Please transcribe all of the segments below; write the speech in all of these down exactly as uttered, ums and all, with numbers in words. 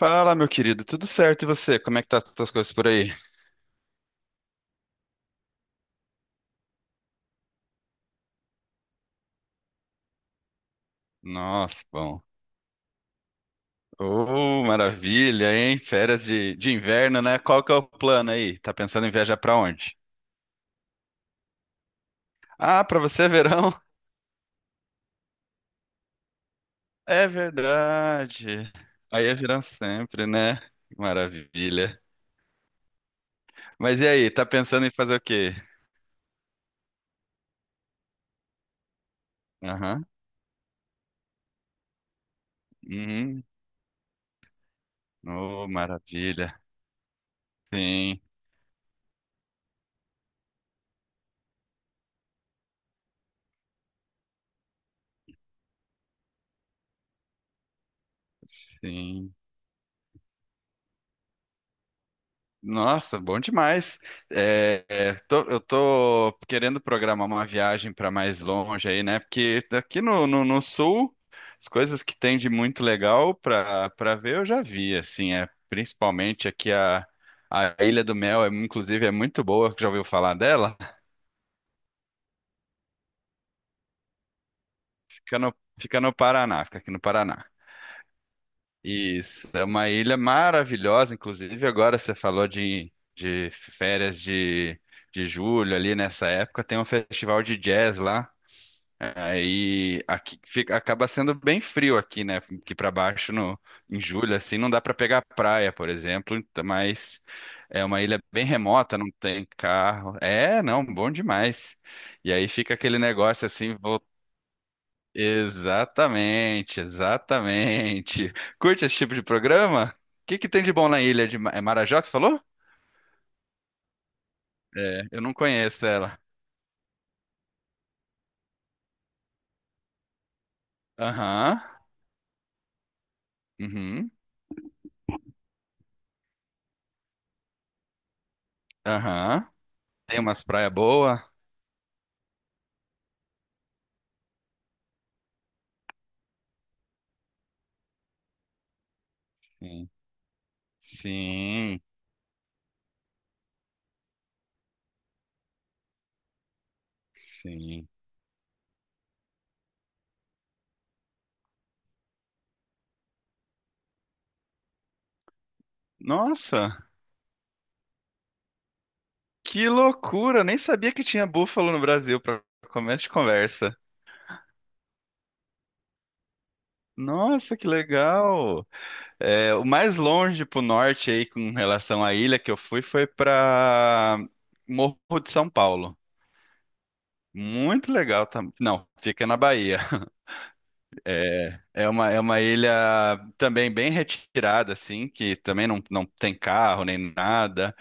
Fala, meu querido, tudo certo? E você? Como é que tá as tuas coisas por aí? Nossa, bom. Oh, maravilha, hein? Férias de, de inverno, né? Qual que é o plano aí? Tá pensando em viajar pra onde? Ah, pra você é verão? É verdade. Aí é verão sempre, né? Maravilha. Mas e aí, tá pensando em fazer o quê? Aham. Uhum. Oh, maravilha. Sim, sim. Nossa, bom demais. É, é, tô- eu tô querendo programar uma viagem para mais longe aí, né? Porque aqui no, no, no sul, as coisas que tem de muito legal para para ver eu já vi, assim, é principalmente aqui a, a Ilha do Mel, é, inclusive é muito boa, já ouviu falar dela? Fica no, fica no Paraná, fica aqui no Paraná. Isso, é uma ilha maravilhosa, inclusive agora você falou de, de férias de, de julho ali nessa época, tem um festival de jazz lá, aí aqui fica, acaba sendo bem frio aqui, né, aqui para baixo no, em julho, assim, não dá para pegar praia, por exemplo, então, mas é uma ilha bem remota, não tem carro, é, não, bom demais, e aí fica aquele negócio assim. Exatamente, exatamente. Curte esse tipo de programa? O que que tem de bom na ilha de Ma- é Marajó, que você falou? É, eu não conheço ela. Aham, uhum, aham. Tem umas praias boas? Sim. Sim, sim. Nossa, que loucura! Nem sabia que tinha búfalo no Brasil para começo de conversa. Nossa, que legal! É, o mais longe pro norte aí com relação à ilha que eu fui foi pra Morro de São Paulo. Muito legal também. Não, fica na Bahia. É uma, é uma ilha também bem retirada, assim, que também não, não tem carro nem nada.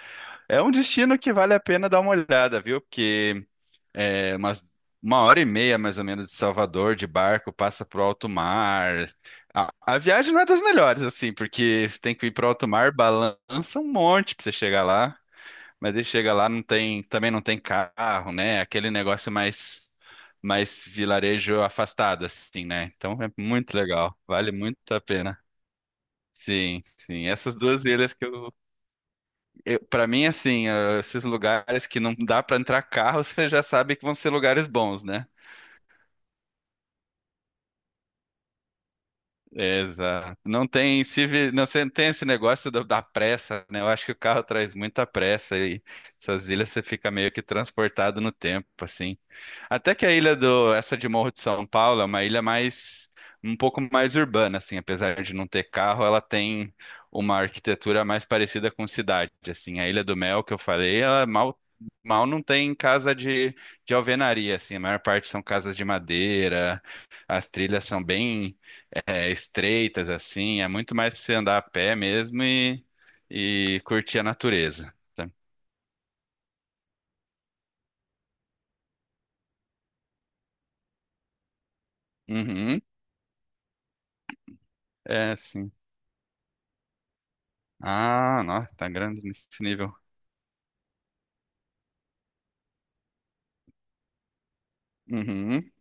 É um destino que vale a pena dar uma olhada, viu? Porque É umas uma hora e meia, mais ou menos, de Salvador, de barco, passa pro alto mar. A, a viagem não é das melhores, assim, porque você tem que ir pro alto mar, balança um monte pra você chegar lá. Mas aí chega lá, não tem, também não tem carro, né? Aquele negócio mais, mais vilarejo afastado, assim, né? Então é muito legal, vale muito a pena. Sim, sim. Essas duas ilhas que eu, eu para mim, assim, eh, esses lugares que não dá pra entrar carro, você já sabe que vão ser lugares bons, né? Exato. Não tem, civi- não se- tem esse negócio do- da pressa, né? Eu acho que o carro traz muita pressa e essas ilhas você fica meio que transportado no tempo, assim. Até que a ilha do, essa de Morro de São Paulo é uma ilha mais, um pouco mais urbana, assim, apesar de não ter carro, ela tem uma arquitetura mais parecida com cidade, assim. A Ilha do Mel que eu falei, ela mal, mal não tem casa de, de alvenaria, assim. A maior parte são casas de madeira, as trilhas são bem é, estreitas, assim. É muito mais para você andar a pé mesmo e, e curtir a natureza. Tá? Uhum, é, sim. Ah, nossa, tá grande nesse nível. Uhum.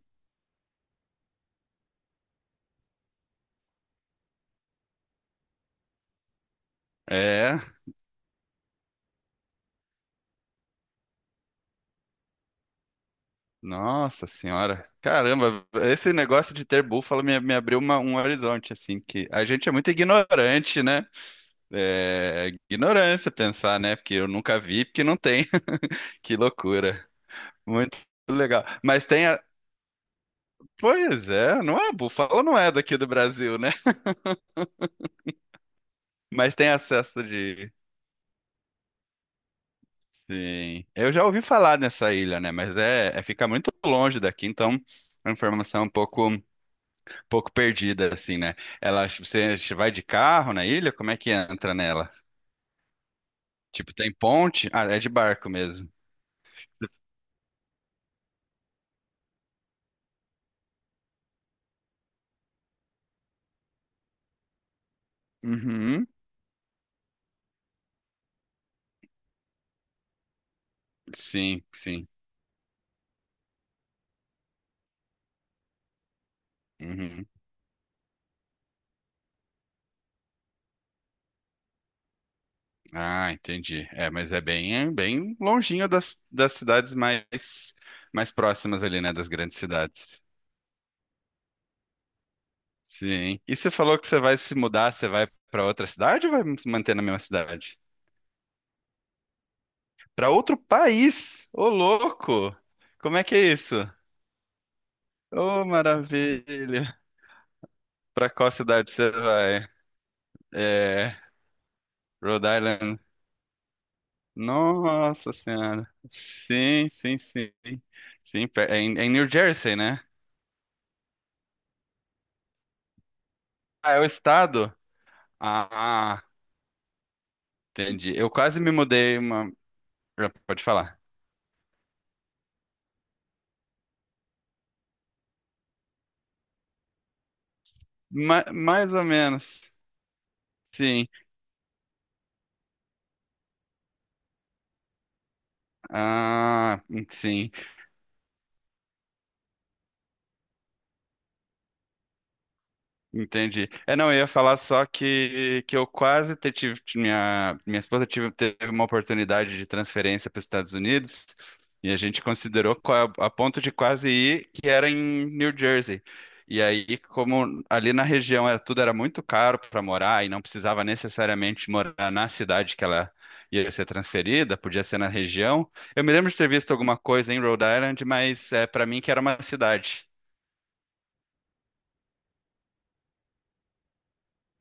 É, nossa senhora, caramba, esse negócio de ter búfalo me, me abriu uma- um horizonte, assim, que a gente é muito ignorante, né? É, ignorância pensar, né? Porque eu nunca vi, porque não tem. Que loucura, muito legal. Mas tem a... Pois é, não é, búfalo não é daqui do Brasil, né? Mas tem acesso de... Sim, eu já ouvi falar nessa ilha, né? Mas é, é fica muito longe daqui, então a informação é um pouco... pouco perdida, assim, né? Ela, você vai de carro na ilha? Como é que entra nela? Tipo, tem ponte? Ah, é de barco mesmo. Uhum, sim, sim. Uhum. Ah, entendi. É, mas é bem, é bem longinho das, das cidades mais, mais próximas ali, né? Das grandes cidades. Sim. E você falou que você vai se mudar, você vai para outra cidade ou vai se manter na mesma cidade? Para outro país? Ô, louco! Como é que é isso? Ô, maravilha! Pra qual cidade você vai? É, Rhode Island. Nossa Senhora. Sim, sim, sim. Sim, pe- é em, é em New Jersey, né? Ah, é o estado? Ah, entendi. Eu quase me mudei uma... Já pode falar. Ma- mais ou menos. Sim. Ah, sim. Entendi. É, não, eu ia falar só que, que, eu quase te- tive, minha, minha esposa tive, teve uma oportunidade de transferência para os Estados Unidos e a gente considerou qua- a ponto de quase ir, que era em New Jersey. E aí, como ali na região era, tudo era muito caro para morar e não precisava necessariamente morar na cidade que ela ia ser transferida, podia ser na região. Eu me lembro de ter visto alguma coisa em Rhode Island, mas é, para mim que era uma cidade.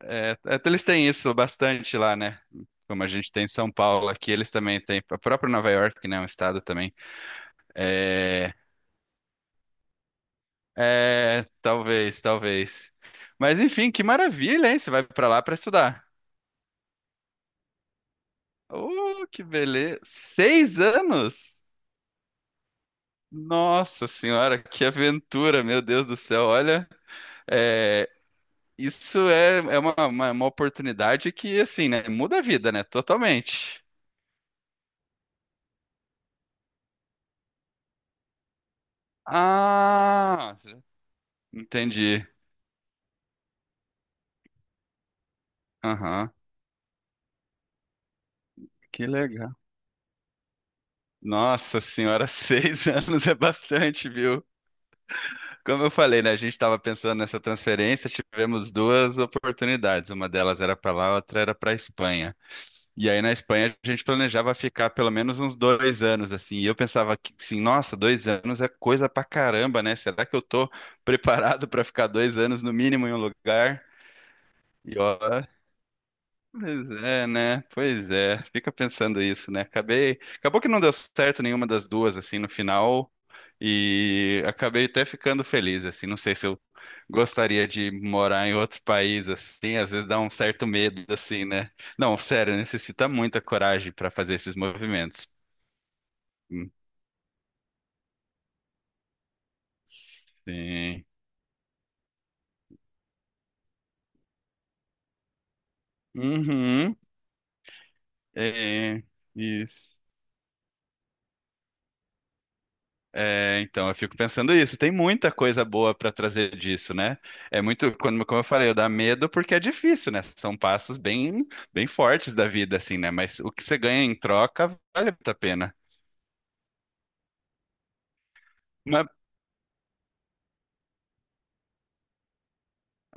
É, até eles têm isso bastante lá, né? Como a gente tem em São Paulo aqui, eles também têm. A própria Nova York, né? É um estado também. É, é, talvez, talvez. Mas enfim, que maravilha, hein? Você vai pra lá pra estudar. Oh, que beleza! Seis anos? Nossa Senhora, que aventura, meu Deus do céu! Olha, é, isso é, é uma, uma, uma oportunidade que, assim, né? Muda a vida, né? Totalmente. Ah, entendi. Aham. Que legal. Nossa senhora, seis anos é bastante, viu? Como eu falei, né? A gente estava pensando nessa transferência, tivemos duas oportunidades. Uma delas era para lá, a outra era para a Espanha. E aí na Espanha a gente planejava ficar pelo menos uns dois anos, assim. E eu pensava que, assim, nossa, dois anos é coisa pra caramba, né? Será que eu tô preparado para ficar dois anos no mínimo em um lugar? E ó, pois é, né? Pois é. Fica pensando isso, né? Acabei, acabou que não deu certo nenhuma das duas assim no final e acabei até ficando feliz assim. Não sei se eu gostaria de morar em outro país assim, às vezes dá um certo medo assim, né? Não, sério, necessita muita coragem para fazer esses movimentos. Sim. Uhum. É, isso. É, então, eu fico pensando isso. Tem muita coisa boa para trazer disso, né? É muito, quando- como eu falei, dá medo porque é difícil, né? São passos bem, bem fortes da vida, assim, né? Mas o que você ganha em troca vale muito a pena. Mas-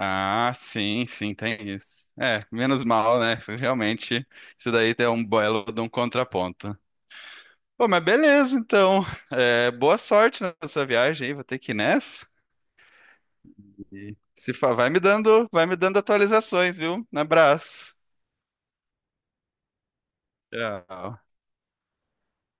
Ah, sim, sim, tem isso. É, menos mal, né? Realmente, isso daí é um belo de um contraponto. Pô, mas beleza, então. É, boa sorte na sua viagem aí, vou ter que ir nessa. E se fa- vai me dando, vai me dando atualizações, viu? Um abraço. Tchau.